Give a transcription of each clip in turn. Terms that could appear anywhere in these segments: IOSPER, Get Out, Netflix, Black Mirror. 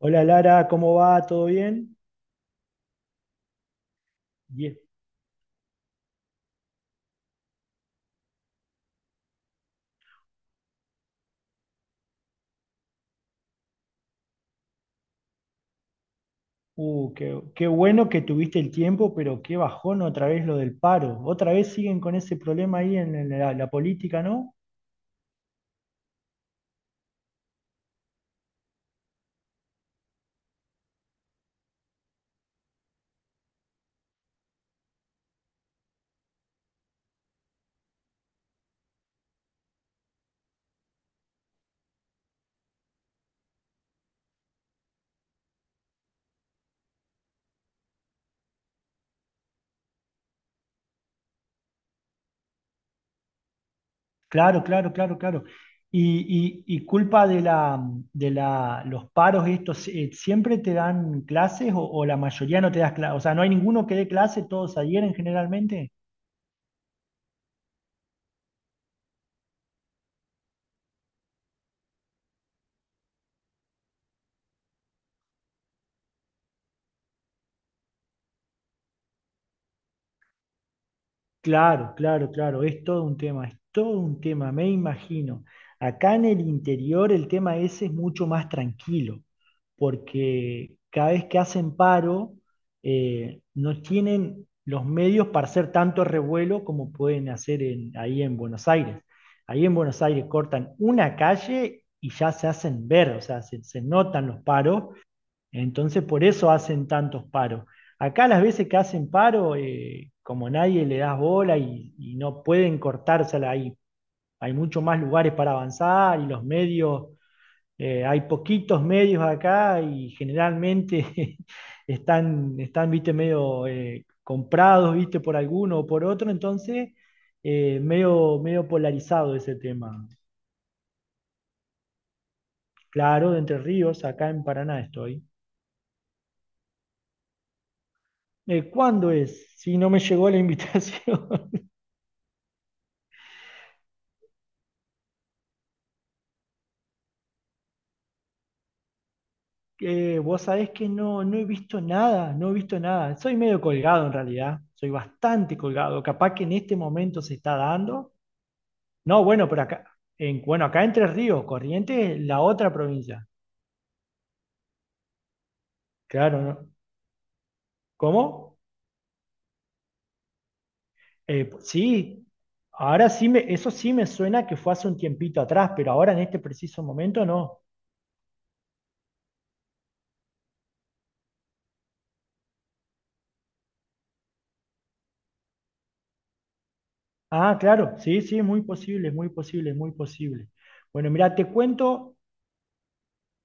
Hola, Lara, ¿cómo va? ¿Todo bien? Bien. Qué bueno que tuviste el tiempo, pero qué bajón otra vez lo del paro. Otra vez siguen con ese problema ahí en la política, ¿no? Claro, claro, claro, claro. Y culpa de los paros estos, ¿siempre te dan clases o la mayoría no te das clases? O sea, ¿no hay ninguno que dé clase? ¿Todos adhieren generalmente? Claro, claro, claro, es todo un tema, es todo un tema, me imagino. Acá en el interior el tema ese es mucho más tranquilo, porque cada vez que hacen paro, no tienen los medios para hacer tanto revuelo como pueden hacer en- ahí en Buenos Aires. Ahí en Buenos Aires cortan una calle y ya se hacen ver, o sea, se notan los paros entonces, por eso hacen tantos paros. Acá las veces que hacen paro, como nadie le das bola y no pueden cortársela ahí. Hay mucho más lugares para avanzar y los medios, hay poquitos medios acá y generalmente están, están, viste, medio, comprados, viste, por alguno o por otro. Entonces, medio, medio polarizado ese tema. Claro, de Entre Ríos, acá en Paraná estoy. ¿Cuándo es? Si no me llegó la invitación. Vos sabés que no, no he visto nada, no he visto nada. Soy medio colgado en realidad, soy bastante colgado. Capaz que en este momento se está dando. No, bueno, pero acá, en, bueno, acá Entre Ríos, Corrientes, es la otra provincia. Claro, ¿no? ¿Cómo? Pues sí, eso sí me suena que fue hace un tiempito atrás, pero ahora en este preciso momento no. Ah, claro, sí, sí, es muy posible, es muy posible, es muy posible. Bueno, mira, te cuento.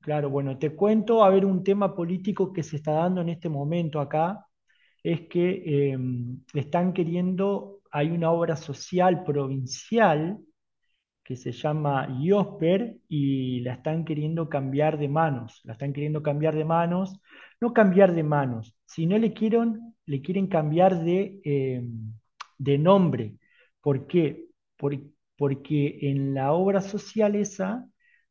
Claro, bueno, te cuento, a ver, un tema político que se está dando en este momento acá es que están queriendo, hay una obra social provincial que se llama IOSPER y la están queriendo cambiar de manos, la están queriendo cambiar de manos, no cambiar de manos, sino le quieren cambiar de nombre. ¿Por qué? Por- porque en la obra social esa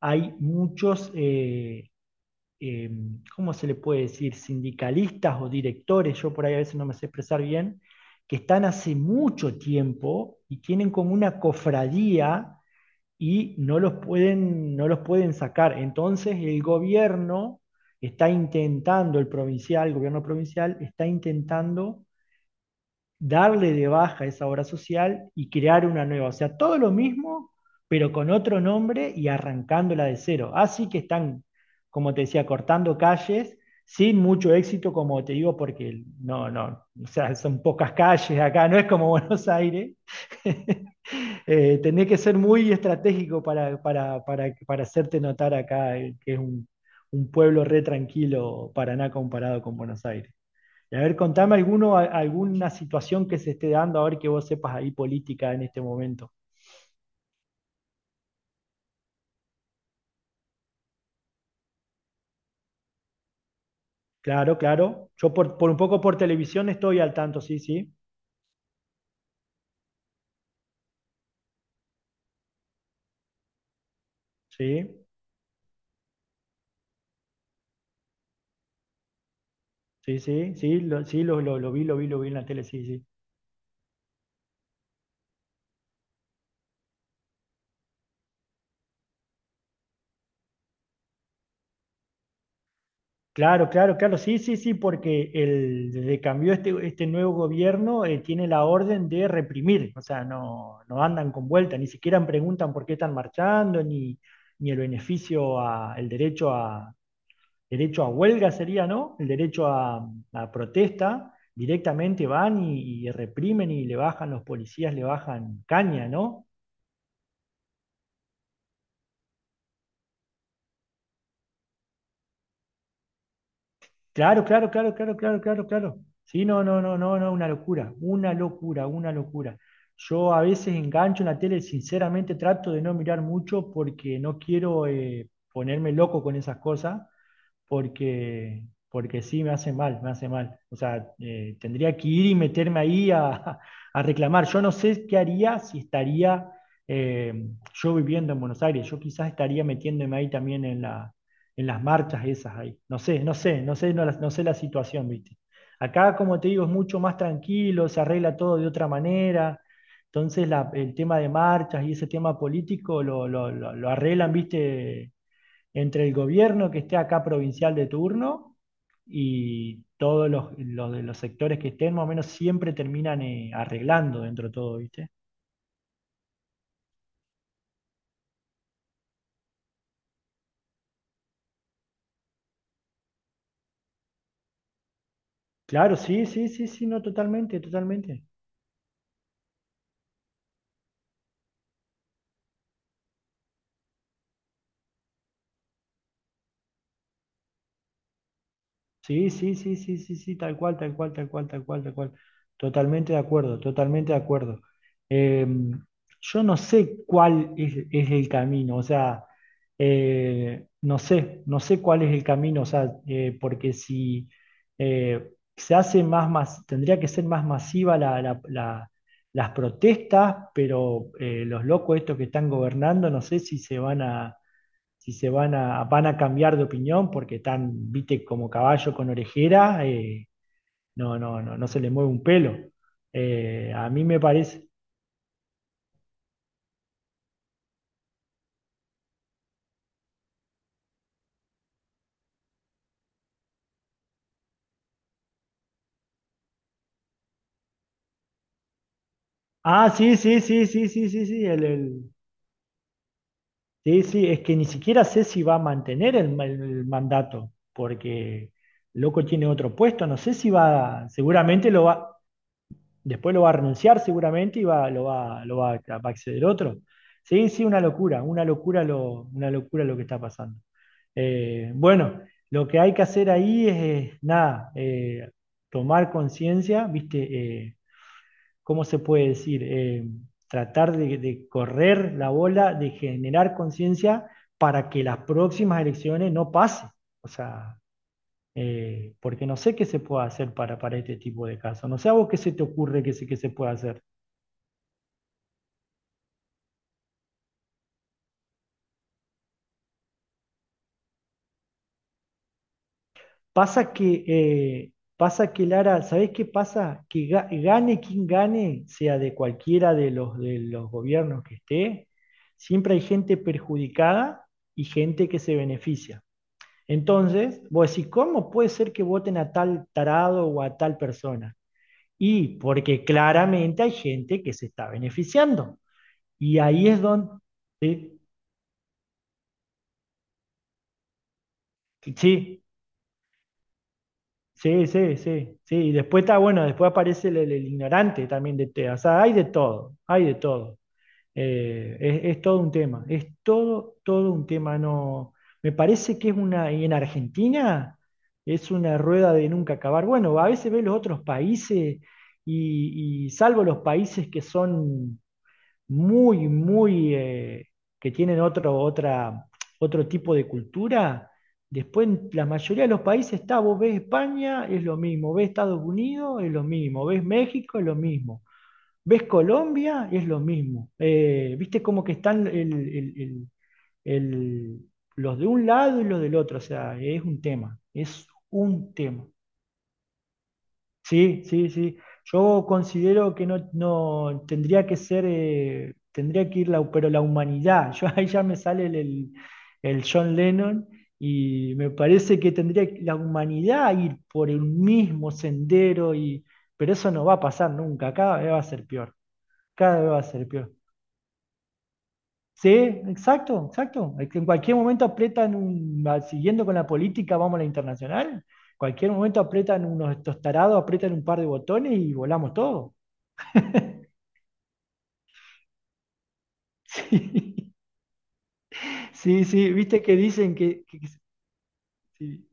hay muchos... eh, ¿cómo se le puede decir? Sindicalistas o directores, yo por ahí a veces no me sé expresar bien, que están hace mucho tiempo y tienen como una cofradía y no los pueden, no los pueden sacar. Entonces el gobierno está intentando, el provincial, el gobierno provincial está intentando darle de baja esa obra social y crear una nueva. O sea, todo lo mismo, pero con otro nombre y arrancándola de cero. Así que están, como te decía, cortando calles sin mucho éxito, como te digo, porque no, no, o sea, son pocas calles acá, no es como Buenos Aires. Tenés que ser muy estratégico para hacerte notar acá, que es un pueblo re tranquilo, Paraná comparado con Buenos Aires. Y a ver, contame alguno, a- alguna situación que se esté dando, a ver que vos sepas ahí política en este momento. Claro, claro. Yo por un poco por televisión estoy al tanto, sí, sí. Sí, sí, sí, sí, lo vi, lo vi, lo vi en la tele, sí, sí. Claro, claro, claro, sí, sí, sí, porque el, desde que cambió este, este nuevo gobierno, tiene la orden de reprimir, o sea, no, no andan con vuelta, ni siquiera preguntan por qué están marchando, ni, ni el beneficio, a, el derecho a, derecho a huelga sería, ¿no? El derecho a protesta, directamente van y reprimen y le bajan los policías, le bajan caña, ¿no? Claro, claro, claro, claro, claro, claro, claro. Sí, no, no, no, no, no, una locura, una locura, una locura. Yo a veces engancho en la tele, sinceramente trato de no mirar mucho porque no quiero, ponerme loco con esas cosas. Porque, porque sí me hace mal, me hace mal. O sea, tendría que ir y meterme ahí a, a reclamar. Yo no sé qué haría si estaría eh, yo viviendo en Buenos Aires. Yo quizás estaría metiéndome ahí también en la, en las marchas esas ahí. No sé, no sé, no sé, no, la- no sé la situación, ¿viste? Acá, como te digo, es mucho más tranquilo, se arregla todo de otra manera. Entonces, la- el tema de marchas y ese tema político lo arreglan, ¿viste? Entre el gobierno que esté acá provincial de turno y todos los de los sectores que estén, más o menos siempre terminan, arreglando dentro de todo, ¿viste? Claro, sí, sí, sí, sí, no, totalmente, totalmente. Sí, sí, sí, sí, sí, sí, tal cual, tal cual, tal cual, tal cual, tal cual. Totalmente de acuerdo, totalmente de acuerdo. Eh, yo no sé cuál es el camino, o sea, no sé, no sé cuál es el camino, o sea, porque si se hace más, mas- tendría que ser más masiva las protestas, pero los locos estos que están gobernando, no sé si se van a si se van a, van a cambiar de opinión porque están, viste, como caballo con orejera, no, no, no, no se le mueve un pelo. A mí me parece. Ah, sí, sí, sí, sí, sí, sí, sí, el- sí, sí, es que ni siquiera sé si va a mantener el, ma- el mandato, porque loco tiene otro puesto, no sé si va, seguramente lo va, después lo va a renunciar seguramente y va, lo va, lo va, a- va a acceder otro. Sí, sí, una locura lo que está pasando. Bueno, lo que hay que hacer ahí es, nada, tomar conciencia, ¿viste? Eh, ¿Cómo se puede decir? Tratar de correr la bola, de generar conciencia para que las próximas elecciones no pasen. O sea, porque no sé qué se puede hacer para este tipo de casos. No sé a vos qué se te ocurre que se puede hacer. Pasa que, pasa que, Lara, ¿sabés qué pasa? Que ga- gane quien gane, sea de cualquiera de los gobiernos que esté, siempre hay gente perjudicada y gente que se beneficia. Entonces, vos decís, ¿cómo puede ser que voten a tal tarado o a tal persona? Y porque claramente hay gente que se está beneficiando. Y ahí es donde... Sí, sí, sí, sí, sí, sí. Y después está, bueno, después aparece el ignorante también de TEA. O sea, hay de todo, hay de todo. Es todo un tema, es todo, todo un tema. No, me parece que es una, y en Argentina es una rueda de nunca acabar. Bueno, a veces ves los otros países y salvo los países que son muy, muy, que tienen otro, otra, otro tipo de cultura. Después, en la mayoría de los países está, vos ves España, es lo mismo, ves Estados Unidos, es lo mismo, ves México, es lo mismo, ves Colombia, es lo mismo. Viste como que están el- los de un lado y los del otro, o sea, es un tema, es un tema. Sí, sí, sí. Yo considero que no, no tendría que ser, tendría que ir la, pero la humanidad. Yo ahí ya me sale el John Lennon y me parece que tendría que la humanidad ir por el mismo sendero y, pero eso no va a pasar nunca. Cada vez va a ser peor. Cada vez va a ser peor. Sí, exacto, exacto. Es que en cualquier momento aprietan, un- va- siguiendo con la política, vamos a la internacional. Cualquier momento aprietan unos estos tarados, aprietan un par de botones y volamos todo. sí, sí, viste que dicen que sí,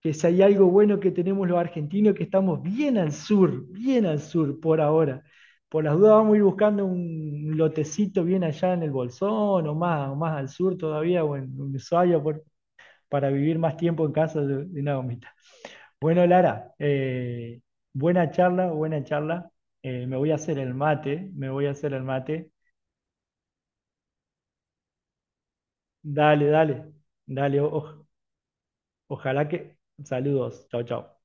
que si hay algo bueno que tenemos los argentinos, que estamos bien al sur por ahora. Por las dudas vamos a ir buscando un lotecito bien allá en el Bolsón o más al sur todavía, o en Ushuaia por- para vivir más tiempo en casa de Naomi. Bueno, Lara, buena charla, buena charla. Me voy a hacer el mate, me voy a hacer el mate. Dale, dale, dale. O- ojalá que... Saludos. Chao, chao.